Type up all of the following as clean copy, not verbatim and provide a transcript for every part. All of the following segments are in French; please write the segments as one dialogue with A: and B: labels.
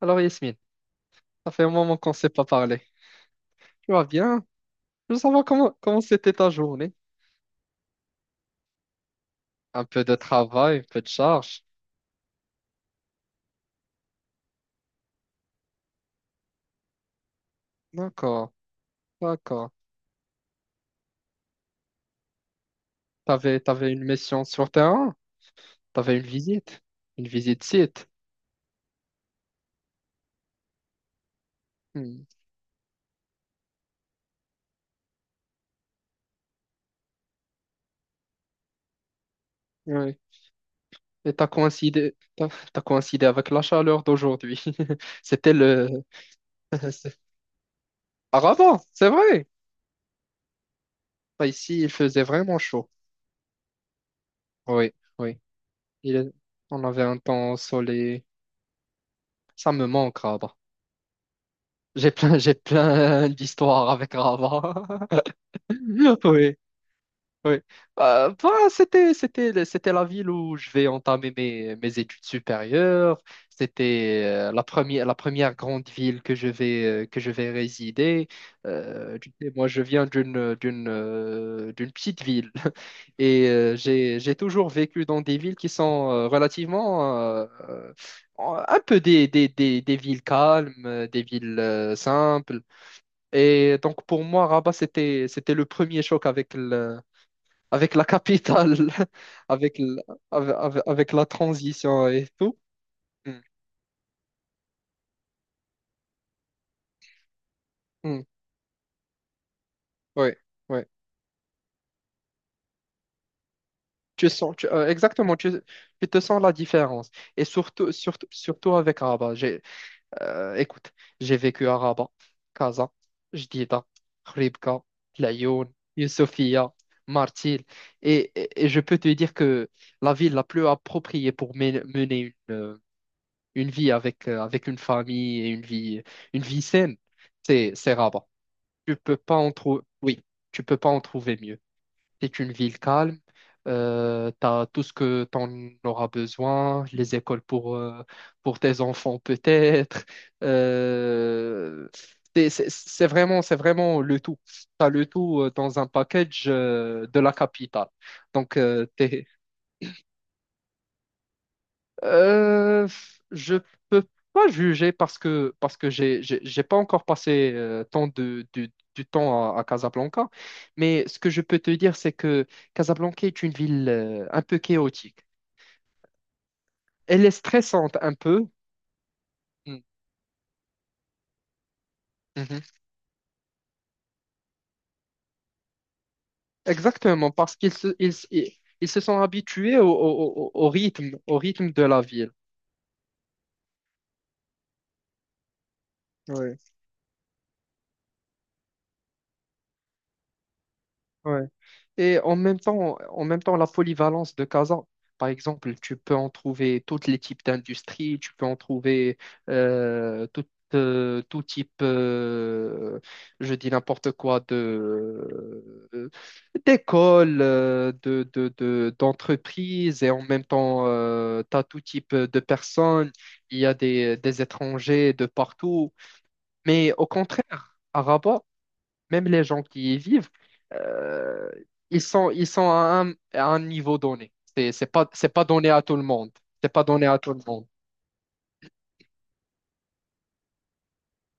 A: Alors Yasmine, ça fait un moment qu'on ne s'est pas parlé. Tu vas bien? Je veux savoir comment c'était ta journée. Un peu de travail, un peu de charge. D'accord, d'accord. T'avais une mission sur terrain? T'avais une visite? Une visite site? Hmm. Oui. Et t'as coïncidé avec la chaleur d'aujourd'hui. C'était le. c'est- à Rabat, c'est vrai. Bah, ici, il faisait vraiment chaud. Oui, oui. Il est- On avait un temps ensoleillé. Ça me manque, Rabat. J'ai plein d'histoires avec Rabat. Oui, oui. Bah, c'était la ville où je vais entamer mes études supérieures. C'était la première grande ville que je vais résider. Tu sais, moi, je viens d'une petite ville. Et j'ai toujours vécu dans des villes qui sont relativement un peu des villes calmes, des villes simples. Et donc pour moi, Rabat, c'était le premier choc avec avec la capitale, avec, le- avec, avec- avec la transition et tout. Mm, mm, ouais, ouais. Exactement, tu te sens la différence. Et surtout, surtout, surtout avec Rabat. Écoute, j'ai vécu à Rabat, Casa, Jdida, Khouribga, Laayoune, Youssoufia, Martil. Et je peux te dire que la ville la plus appropriée pour mener une vie avec une famille et une vie saine, c'est Rabat. Tu peux pas en trouver, oui, tu peux pas en trouver mieux. C'est une ville calme, tu as tout ce que tu en auras besoin, les écoles pour tes enfants peut-être. Euh, c'est vraiment le tout. Tu as le tout dans un package de la capitale. Donc, tu Euh, je peux pas juger parce que j'ai pas encore passé tant de, du temps à Casablanca, mais ce que je peux te dire c'est que Casablanca est une ville un peu chaotique. Elle est stressante un peu. Mm. Mhm. Exactement parce qu'ils se sont habitués au rythme de la ville. Ouais, ouais. Et en même temps, la polyvalence de Casa, par exemple, tu peux en trouver tous les types d'industries, tu peux en trouver euh, tout, tout type, je dis n'importe quoi, d'écoles, d'entreprises, et en même temps, tu as tout type de personnes, il y a des étrangers de partout. Mais au contraire, à Rabat, même les gens qui y vivent, euh, ils sont à un niveau donné. C'est pas donné à tout le monde. C'est pas donné à tout le monde.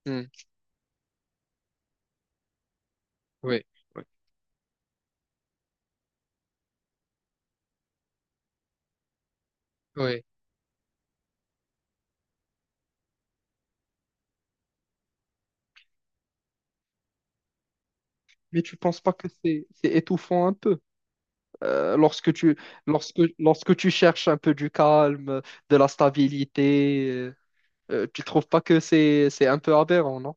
A: Hmm. Oui, oui, oui. Mais tu penses pas que c'est étouffant un peu euh, lorsque tu, lorsque tu cherches un peu du calme, de la stabilité, tu trouves pas que c'est un peu aberrant, non?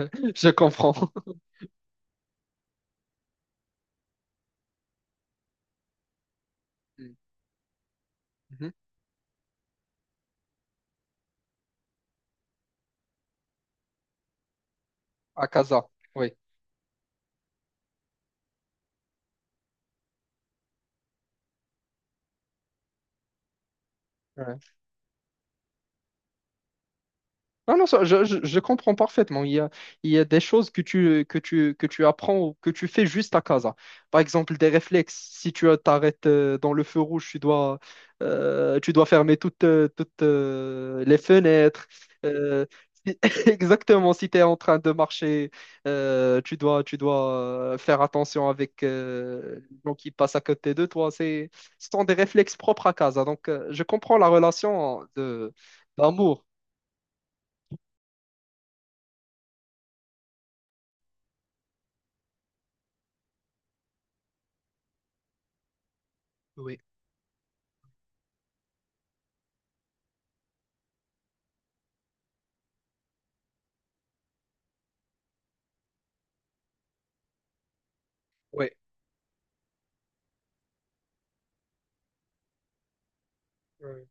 A: Je comprends. Mhm. À Casa, oui. Non non, ça, je comprends parfaitement. Il y a des choses que tu apprends ou que tu fais juste à casa. Par exemple, des réflexes. Si tu t'arrêtes dans le feu rouge, tu dois fermer toutes les fenêtres. Euh, si- Exactement. Si tu es en train de marcher, tu dois faire attention avec les gens qui passent à côté de toi. Ce sont des réflexes propres à casa. Donc, je comprends la relation d'amour. Oui. Oui. Ouais.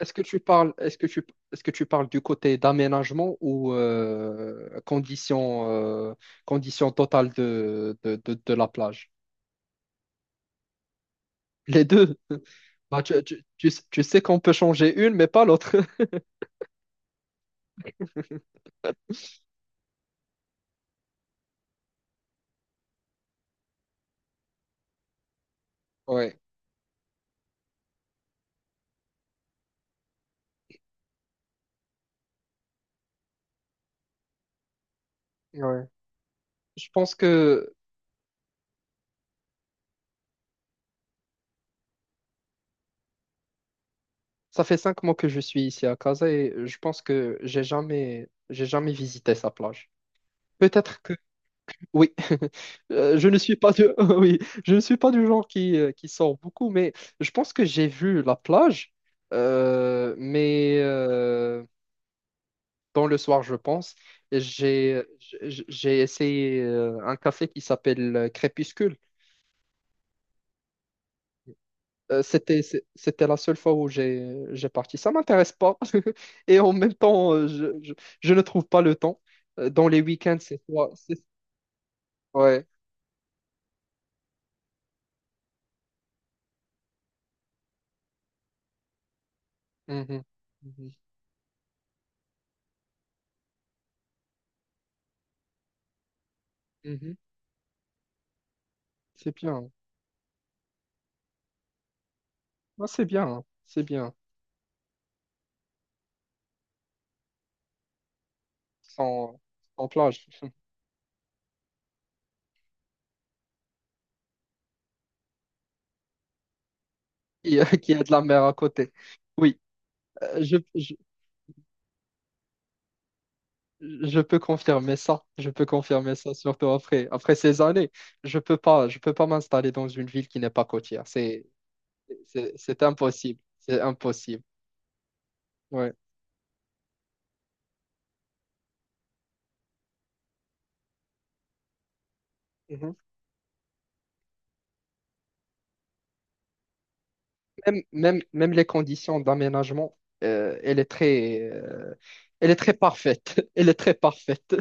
A: Est-ce que tu parles, est-ce que tu parles du côté d'aménagement ou condition totale de la plage? Les deux. Bah, tu sais qu'on peut changer une, mais pas l'autre. Ouais. Ouais. Je pense que ça fait 5 mois que je suis ici à Casa et je pense que j'ai jamais visité sa plage. Peut-être. Oui. Je ne suis pas du... oui, je ne suis pas du genre qui sort beaucoup, mais je pense que j'ai vu la plage, mais dans le soir, je pense, j'ai j'ai essayé un café qui s'appelle Crépuscule. C'était la seule fois où j'ai parti. Ça m'intéresse pas et en même temps, je ne trouve pas le temps. Dans les week-ends, c'est toi, c'est ouais. Mhm. Mhm. Mhm. C'est bien. Non, c'est bien, hein, c'est bien, sans, sans plage, qui a de la mer à côté. Oui, euh, je, je, je peux confirmer ça, je peux confirmer ça, surtout après ces années. Je peux pas m'installer dans une ville qui n'est pas côtière, c'est impossible, c'est impossible. Ouais. Mhm. Même, même, même les conditions d'aménagement, euh, elle est très, euh, elle est très parfaite, elle est très parfaite,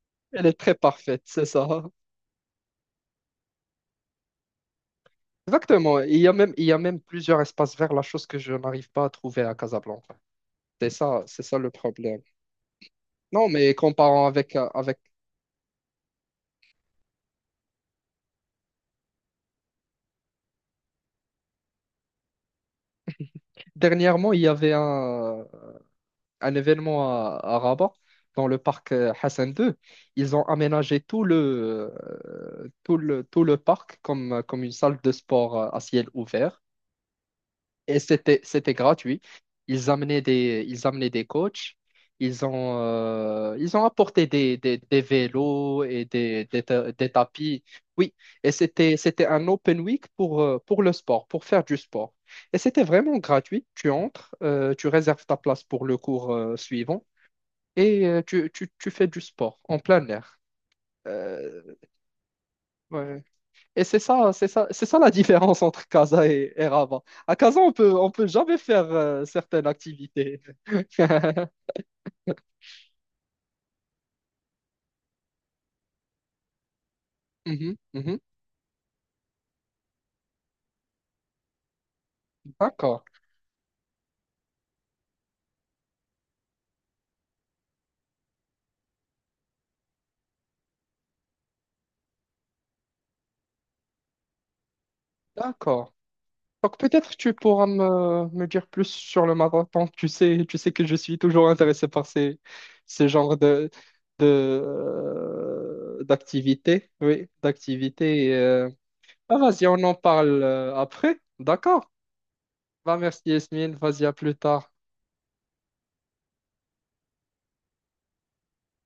A: elle est très parfaite, c'est ça. Exactement. Il y a même plusieurs espaces verts, la chose que je n'arrive pas à trouver à Casablanca. C'est ça le problème. Non, mais comparant avec... Dernièrement, il y avait un événement à Rabat, dans le parc Hassan II. Ils ont aménagé tout le parc comme une salle de sport à ciel ouvert. Et c'était gratuit. Ils amenaient des coachs. Ils ont apporté des vélos et des tapis. Oui, et c'était un open week pour le sport, pour faire du sport. Et c'était vraiment gratuit. Tu entres, tu réserves ta place pour le cours, suivant et tu fais du sport en plein air. Euh, ouais. Et c'est ça la différence entre Casa et, Rabat. À Casa, on peut jamais faire certaines activités. Mhm, mhm. D'accord, d'accord. Donc peut-être tu pourras me dire plus sur le marathon. Tu sais que je suis toujours intéressé par ces genres de, d'activités. Oui, d'activités. Bah, vas-y, on en parle après. D'accord. Bah, merci Yasmine. Vas-y, à plus tard.